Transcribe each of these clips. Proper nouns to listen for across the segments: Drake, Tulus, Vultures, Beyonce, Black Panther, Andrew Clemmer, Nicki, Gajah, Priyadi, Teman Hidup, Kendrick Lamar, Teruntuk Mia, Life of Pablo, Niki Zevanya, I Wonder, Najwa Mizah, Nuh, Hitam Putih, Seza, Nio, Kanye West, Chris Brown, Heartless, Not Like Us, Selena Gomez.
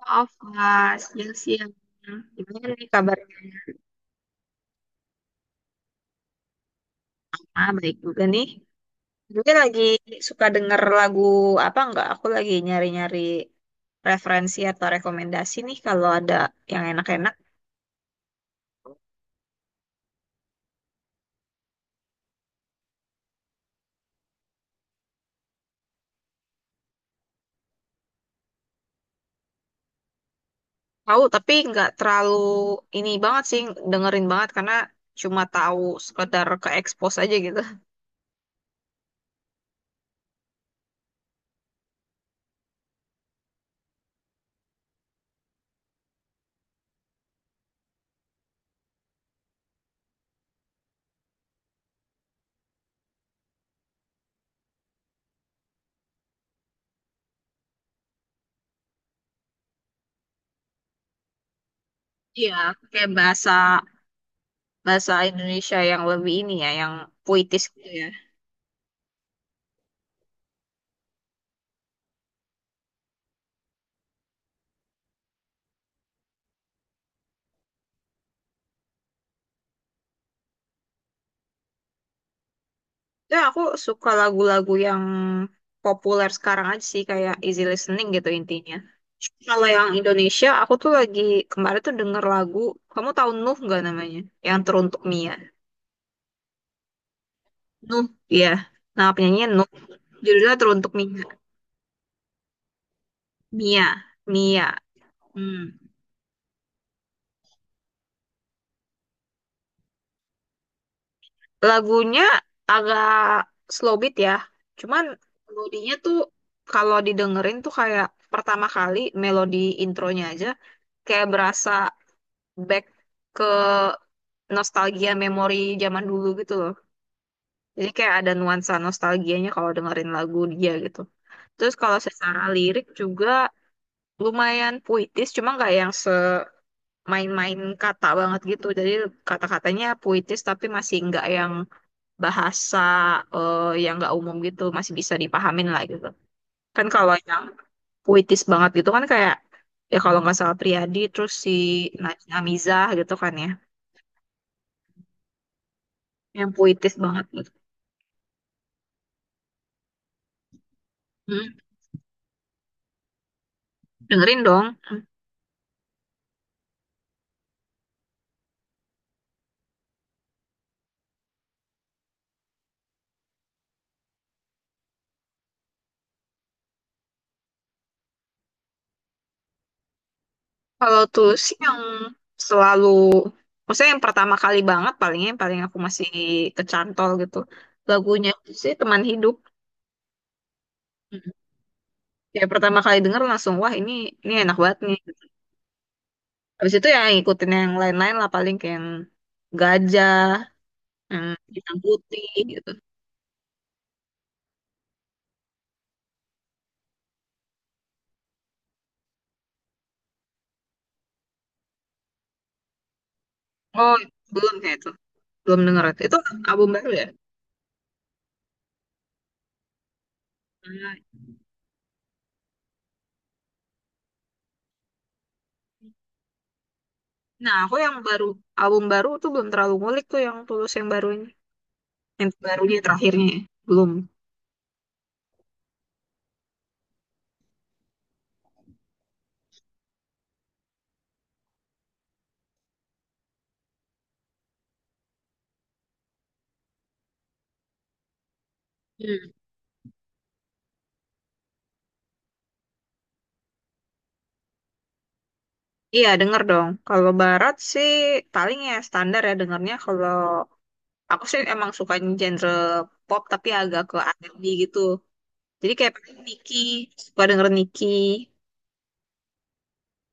Maaf, Mas. Siang siang. Gimana nih kabarnya? Ah, baik juga nih. Juga lagi suka denger lagu apa enggak? Aku lagi nyari-nyari referensi atau rekomendasi nih kalau ada yang enak-enak. Tahu, tapi nggak terlalu ini banget sih, dengerin banget karena cuma tahu sekedar ke expose aja gitu. Iya, kayak bahasa bahasa Indonesia yang lebih ini ya, yang puitis gitu ya. Ya, aku suka lagu-lagu yang populer sekarang aja sih, kayak easy listening gitu intinya. Kalau yang Indonesia, aku tuh lagi kemarin tuh denger lagu, kamu tahu Nuh nggak namanya? Yang Teruntuk Mia. Nuh, iya. Nah, penyanyinya Nuh. Judulnya Teruntuk Mia. Mia. Mia. Hmm. Lagunya agak slow beat ya. Cuman melodinya tuh kalau didengerin tuh kayak pertama kali melodi intronya aja kayak berasa back ke nostalgia memori zaman dulu gitu loh. Jadi kayak ada nuansa nostalgianya kalau dengerin lagu dia gitu. Terus kalau secara lirik juga lumayan puitis, cuma nggak yang semain-main kata banget gitu. Jadi kata-katanya puitis tapi masih nggak yang bahasa yang nggak umum gitu, masih bisa dipahamin lah gitu. Kan kalau yang puitis banget gitu kan kayak ya kalau nggak salah Priyadi, terus si Najwa Mizah gitu kan ya, yang puitis banget gitu. Hmm, dengerin dong. Kalau tulus sih yang selalu, maksudnya yang pertama kali banget palingnya yang paling aku masih kecantol gitu. Lagunya sih Teman Hidup. Mm. Ya pertama kali denger langsung wah ini enak banget nih. Habis itu ya ngikutin yang lain-lain lah paling kayak yang Gajah, yang Hitam Putih gitu. Oh, belum kayak itu, belum denger itu. Itu album baru ya? Nah, Nah, aku yang baru album baru tuh belum terlalu ngulik tuh yang tulus yang barunya terakhirnya ya. Belum. Iya, denger dong. Kalau barat sih paling ya standar ya dengernya. Kalau aku sih emang suka genre pop tapi agak ke R&B gitu. Jadi kayak paling Nicki, suka denger Nicki.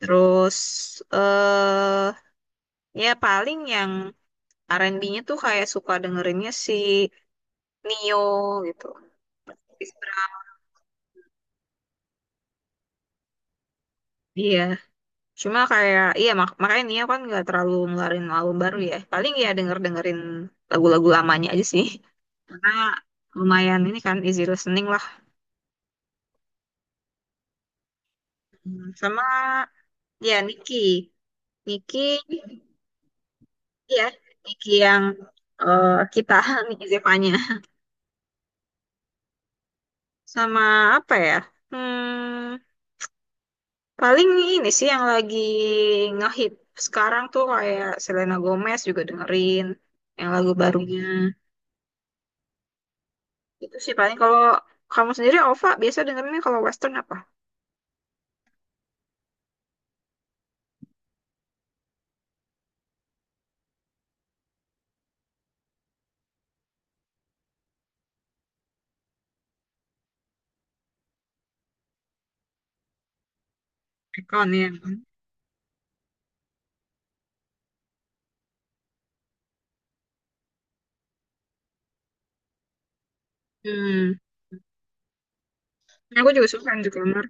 Terus eh ya paling yang R&B-nya tuh kayak suka dengerinnya si Nio gitu. Chris Brown. Iya. Cuma kayak iya makanya Nio kan nggak terlalu ngeluarin album baru ya. Paling ya denger-dengerin lagu-lagu lamanya aja sih, karena lumayan ini kan easy listening lah, sama ya Niki, Niki ya Niki yang kita Niki Zevanya. Sama apa ya, hmm, paling ini sih yang lagi ngehit sekarang tuh kayak Selena Gomez juga dengerin yang lagu barunya. Itu sih paling. Kalau kamu sendiri Ova biasa dengerinnya kalau Western apa? Icon ya. Hmm. Aku juga suka Andrew Clemmer.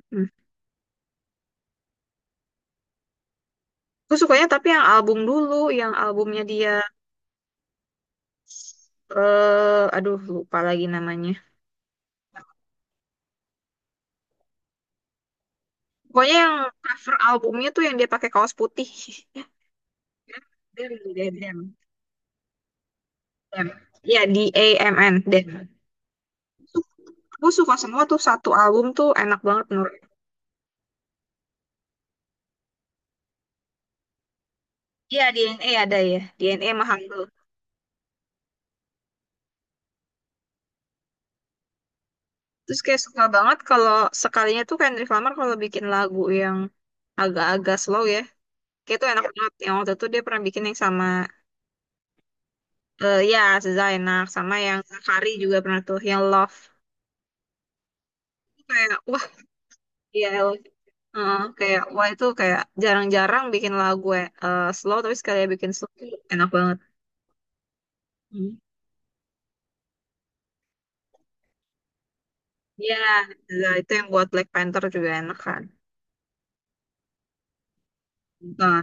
Aku sukanya tapi yang album dulu, yang albumnya dia, aduh lupa lagi namanya. Pokoknya yang cover albumnya tuh yang dia pakai kaos putih. Dem, dem, dem, dem. Ya, D A M N, dem. Aku suka semua tuh satu album tuh enak banget menurut. Iya, DNA ada ya, DNA sama Humble. Terus kayak suka banget kalau sekalinya tuh Kendrick Lamar kalau bikin lagu yang agak-agak slow ya. Kayak tuh enak banget. Yang waktu itu dia pernah bikin yang sama. Ya, Seza enak. Sama yang Zakari juga pernah tuh, yang Love. Itu kayak, wah, iya, Love. Kayak, wah, itu kayak jarang-jarang bikin lagu slow, tapi sekali bikin slow tuh enak banget. Hmm. Ya, Seza, itu yang buat Black Panther juga enak kan. Nah,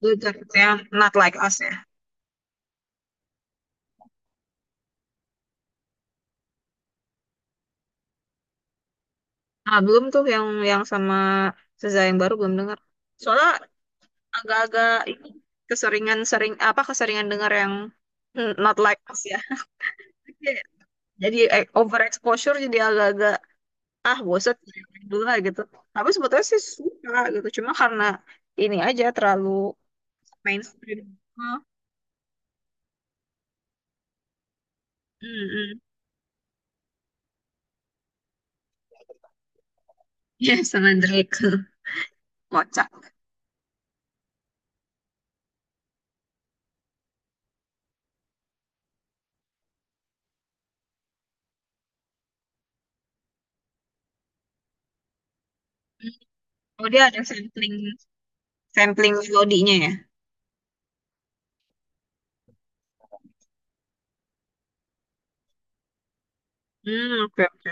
itu ceritanya Not Like Us ya. Ah, belum tuh yang sama Seza yang baru belum dengar. Soalnya agak-agak ini keseringan sering apa keseringan dengar yang Not Like Us ya. Jadi overexposure, jadi agak-agak bosan dulu lah gitu, tapi sebetulnya sih suka gitu cuma karena ini aja terlalu mainstream. Hah? Hmm, hmm. Ya, sama Drake. Kocak. Hmm. Oh, dia ada sampling sampling melodinya ya? Hmm, oke oke.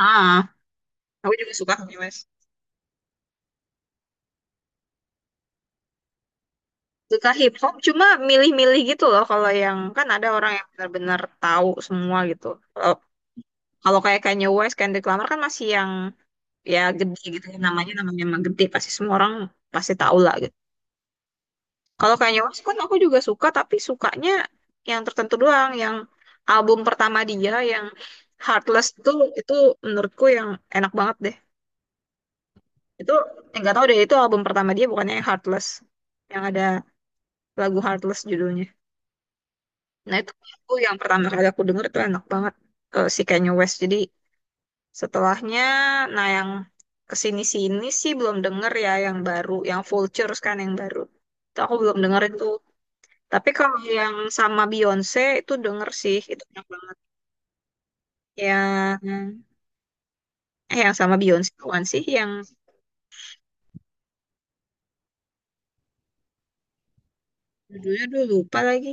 Ah, aku juga suka Kanye West. Suka hip hop, cuma milih-milih gitu loh. Kalau yang kan ada orang yang benar-benar tahu semua gitu. Kalau kalau kayak Kanye West, Kendrick Lamar kan masih yang ya gede gitu ya namanya, namanya emang gede pasti semua orang pasti tahu lah gitu. Kalau Kanye West kan aku juga suka, tapi sukanya yang tertentu doang. Yang album pertama dia, yang Heartless tuh, itu menurutku yang enak banget deh. Itu nggak tahu deh, itu album pertama dia bukannya yang Heartless. Yang ada lagu Heartless judulnya. Nah itu aku yang pertama kali aku denger itu enak banget, si Kanye West. Jadi setelahnya, nah yang kesini-sini sih belum denger ya yang baru, yang Vultures kan yang baru. Itu aku belum denger itu. Tapi kalau yang sama Beyonce itu denger sih, itu banyak banget. Yang yang sama Beyonce bukan sih yang judulnya dulu lupa lagi.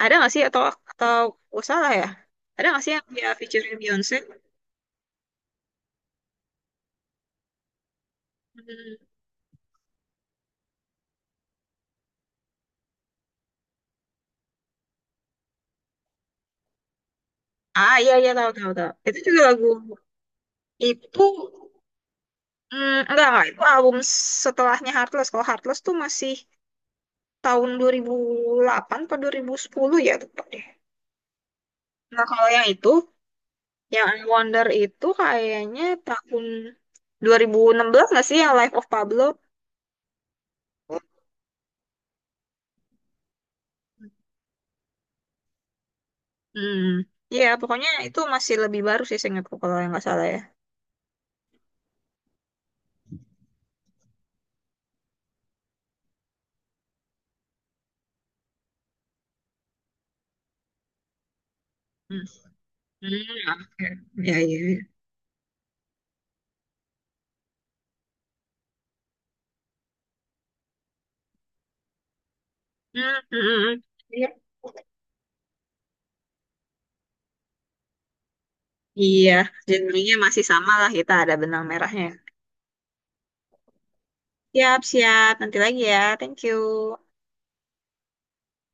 Ada nggak sih atau atau oh, salah ya? Ada nggak sih yang dia featuring Beyonce? Hmm. Ah, iya iya, tahu tahu tahu. Itu juga lagu itu, enggak itu album setelahnya Heartless. Kalau Heartless tuh masih tahun 2008 atau 2010 ya tepat deh. Nah kalau yang itu, yang I Wonder itu kayaknya tahun 2016 nggak sih yang Life of Pablo? Hmm. Hmm. Iya, pokoknya itu masih lebih baru sih seingatku kalau yang nggak salah ya. Hmm. Hmm. Ya, iya. Iya. Hmm. Hmm. Hmm, hmm. Iya, iya, genrenya masih sama lah kita ada benang merahnya. Siap, siap. Nanti lagi ya. Thank you.